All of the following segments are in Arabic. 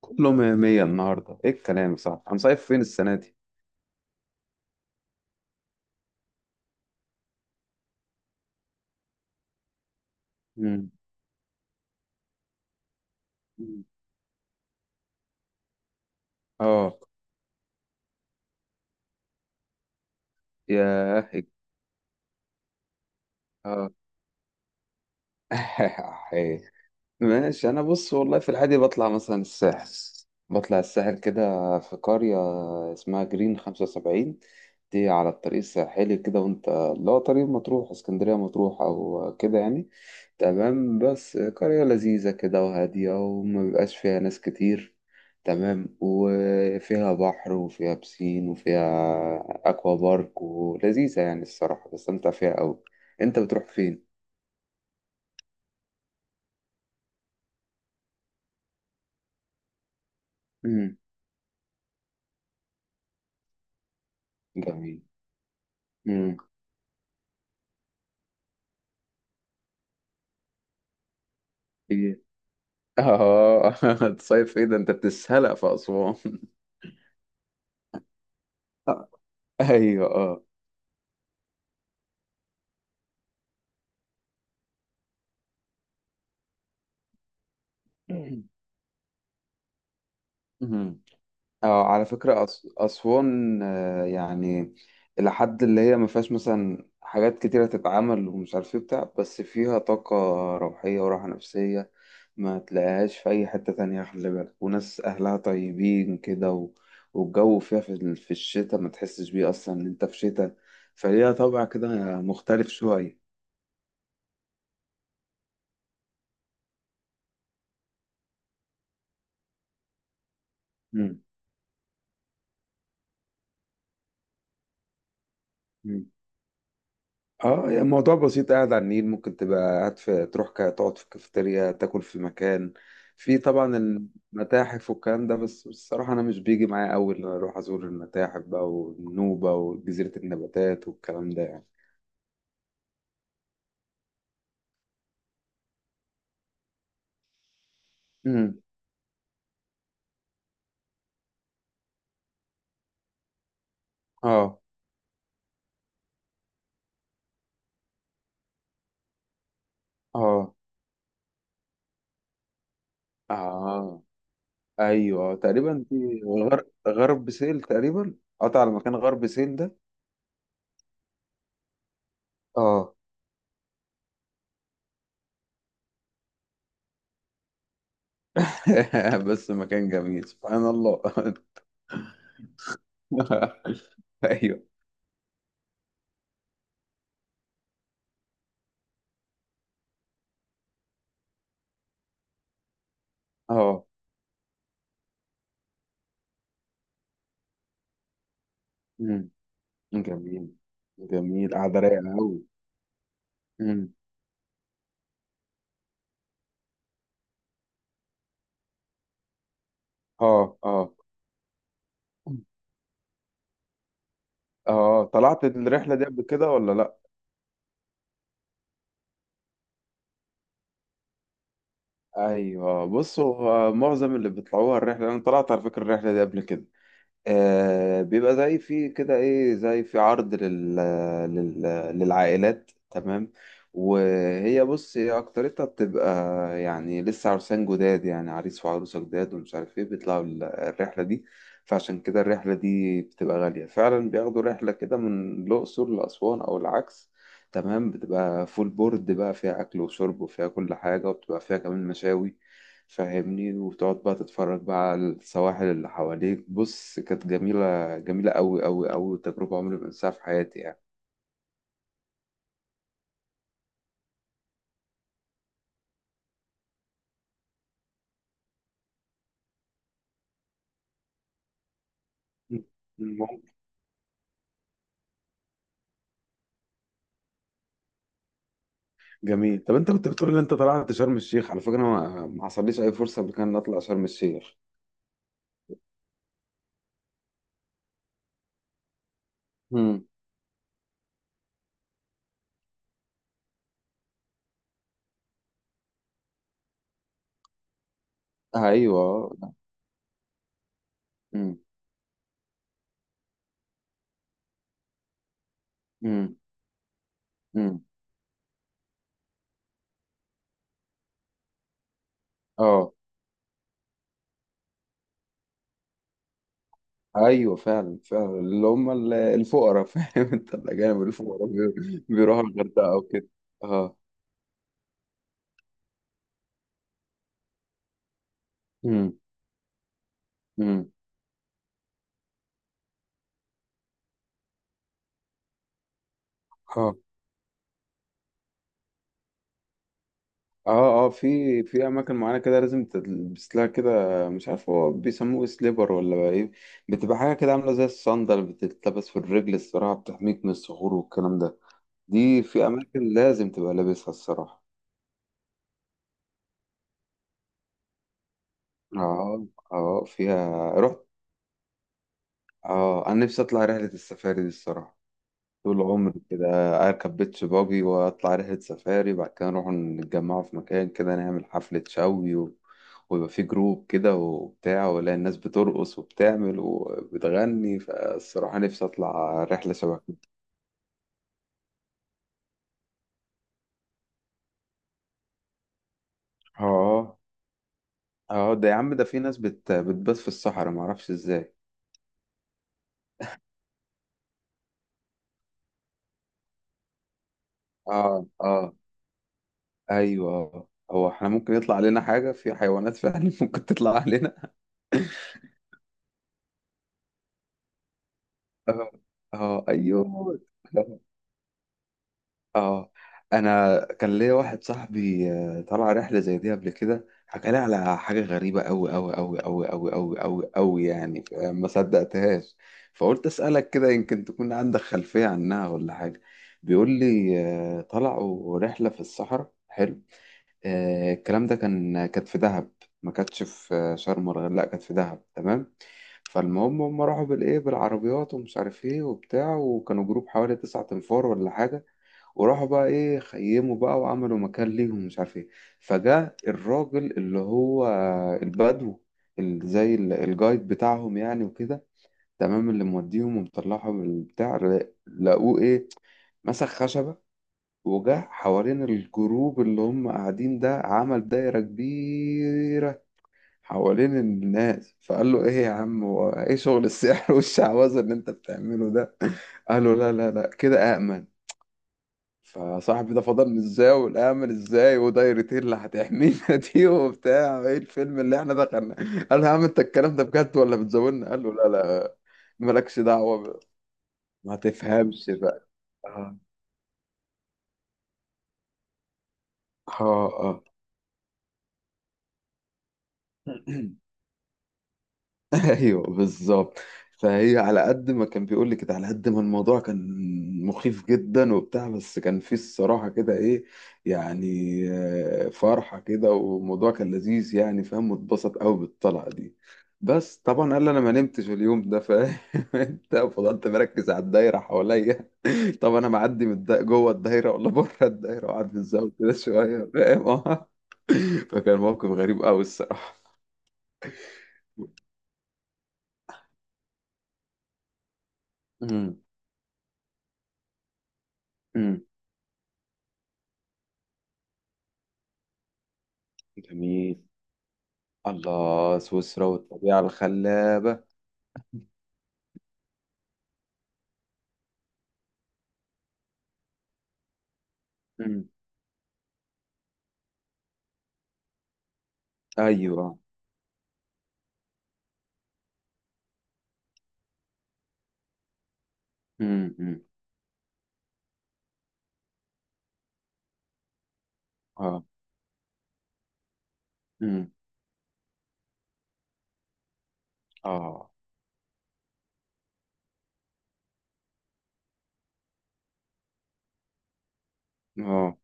كله مية مية النهاردة، إيه الكلام؟ صح، هنصيف فين السنة دي؟ مم. آه. ياه إيه. آه. ماشي، انا بص والله في العادي بطلع مثلا الساحل، بطلع الساحل كده، في قرية اسمها جرين 75، دي على الطريق الساحلي كده، وانت اللي هو طريق مطروح اسكندرية مطروح او كده يعني. تمام، بس قرية لذيذة كده وهادية وما بيبقاش فيها ناس كتير. تمام، وفيها بحر وفيها بسين وفيها اكوا بارك ولذيذة، يعني الصراحة بستمتع فيها أوي. انت بتروح فين؟ مم. جميل. مم. إيه؟ اه. تصيف ايه ده، انت بتسهلق في اسوان؟ آه، ايوه اه. مهم. اه، على فكرة أسوان، آه، يعني إلى حد اللي هي ما فيهاش مثلا حاجات كتيرة تتعمل ومش عارف ايه بتاع، بس فيها طاقة روحية وراحة نفسية ما تلاقيهاش في أي حتة تانية. خلي بالك، وناس أهلها طيبين كده، و... والجو فيها في الشتاء ما تحسش بيه أصلا إن أنت في شتاء. فليها طابع كده مختلف شوية. مم. اه، يعني الموضوع بسيط، قاعد على النيل، ممكن تبقى قاعد، في تروح تقعد في الكافيتيريا، تاكل في مكان، في طبعا المتاحف والكلام ده، بس الصراحة أنا مش بيجي معايا أوي إن أنا أروح أزور المتاحف بقى والنوبة وجزيرة النباتات والكلام ده يعني. امم. اه اه اه. أيوه تقريبا غرب سهيل تقريبا، قطع على مكان غرب سهيل ده. اه. بس مكان جميل سبحان الله. ايوه اه. جميل جميل، قاعدة رايقة أوي. مم. اه اه اه، طلعت الرحلة دي قبل كده ولا لأ؟ أيوه بصوا، آه، معظم اللي بيطلعوها الرحلة، أنا طلعت على فكرة الرحلة دي قبل كده. آه، بيبقى زي في كده ايه، زي في عرض لل... للعائلات، تمام. وهي بص هي اكترتها بتبقى يعني لسه عرسان جداد، يعني عريس وعروسة جداد ومش عارف ايه، بيطلعوا الرحلة دي، فعشان كده الرحلة دي بتبقى غالية فعلا، بياخدوا رحلة كده من الأقصر لأسوان أو العكس، تمام. بتبقى فول بورد بقى، فيها أكل وشرب وفيها كل حاجة، وبتبقى فيها كمان مشاوي، فاهمني. وتقعد بقى تتفرج بقى على السواحل اللي حواليك. بص، كانت جميلة جميلة أوي أوي أوي، تجربة عمري ما أنساها في حياتي يعني. ممكن. جميل. طب انت كنت بتقول ان انت طلعت شرم الشيخ، على فكره انا ما حصليش اي فرصه قبل كده ان اطلع شرم الشيخ. امم. أيوه. امم. امم. امم. أه. أيوه فعلا فعلا، اللي هم الفقراء، فاهم أنت، الأجانب الفقراء بيروحوا الغردقة أو كده. أه. امم. امم. اه اه، في اماكن معينه كده لازم تلبس لها كده، مش عارف هو بيسموه سليبر ولا بقى ايه، بتبقى حاجه كده عامله زي الصندل بتتلبس في الرجل، الصراحه بتحميك من الصخور والكلام ده، دي في اماكن لازم تبقى لابسها الصراحه. اه اه، فيها رحت. اه، انا نفسي اطلع رحله السفاري دي الصراحه، طول عمري كده أركب بيتش باجي وأطلع رحلة سفاري، بعد كده نروح نتجمعوا في مكان كده، نعمل حفلة شوي و... ويبقى في جروب كده وبتاع، ولا الناس بترقص وبتعمل وبتغني، فالصراحة نفسي أطلع رحلة شبه كده. اه اه، ده يا عم، ده في ناس بتبات في الصحراء معرفش ازاي. اه اه. ايوه، هو احنا ممكن يطلع علينا حاجة في حيوانات فعلا، ممكن تطلع علينا. اه اه ايوه اه. انا كان ليا واحد صاحبي، آه، طلع رحله زي دي قبل كده، حكى لي على حاجه غريبه قوي قوي قوي قوي قوي قوي قوي قوي يعني، ما صدقتهاش. فقلت اسالك كده، يمكن تكون عندك خلفيه عنها ولا حاجه. بيقول لي آه، طلعوا رحله في الصحراء، حلو. آه، الكلام ده كان كانت في دهب، ما كانتش في آه، شرم، ولا لا، كانت في دهب تمام. فالمهم، هم راحوا بالايه بالعربيات ومش عارف ايه وبتاع، وكانوا جروب حوالي 9 انفار ولا حاجه، وراحوا بقى ايه خيموا بقى وعملوا مكان ليهم ومش عارف ايه. فجاء الراجل اللي هو البدو، زي الجايد بتاعهم يعني وكده، تمام، اللي موديهم ومطلعهم من البتاع، لقوه ايه، مسك خشبة وجه حوالين الجروب اللي هم قاعدين ده، عمل دايرة كبيرة حوالين الناس. فقال له: ايه يا عم، هو ايه شغل السحر والشعوذة اللي انت بتعمله ده؟ قالوا: لا لا لا، كده أأمن. فصاحبي ده فضل ازاي، والامل ازاي، ودايرتي اللي هتحمينا دي وبتاع، ايه الفيلم اللي احنا دخلنا. قال له: يا عم انت الكلام ده بجد ولا بتزودنا؟ قال له: لا لا، مالكش دعوة، ما تفهمش بقى. اه اه, آه. ايوه بالظبط. فهي على قد ما كان بيقول لي كده، على قد ما الموضوع كان مخيف جدا وبتاع، بس كان فيه الصراحه كده ايه يعني، آه، فرحه كده والموضوع كان لذيذ يعني، فاهم، واتبسط قوي بالطلعه دي، بس طبعا قال لي انا ما نمتش اليوم ده، فاهم. انت فضلت مركز على الدايره حواليا، طب انا معدي جوه الدايره ولا بره الدايره، وقعد الزاويه كده شويه، فاهم؟ اه. فكان موقف غريب قوي الصراحه. امم. جميل، الله سويسرا والطبيعة الخلابة. مم. أيوة. مم. مم. آه. مم. آه آه.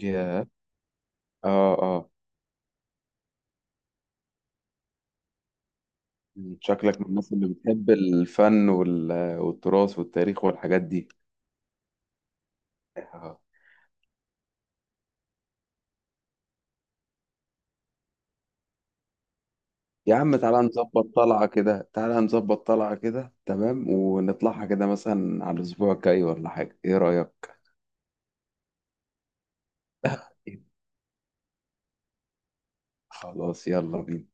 يا، آه آه. مم. شكلك من الناس اللي بتحب الفن وال... والتراث والتاريخ والحاجات دي، آه. يا عم تعالى نظبط طلعة كده، تعالى نظبط طلعة كده، تمام، ونطلعها كده مثلا على الأسبوع الجاي ولا حاجة، إيه رأيك؟ خلاص، يلا بينا.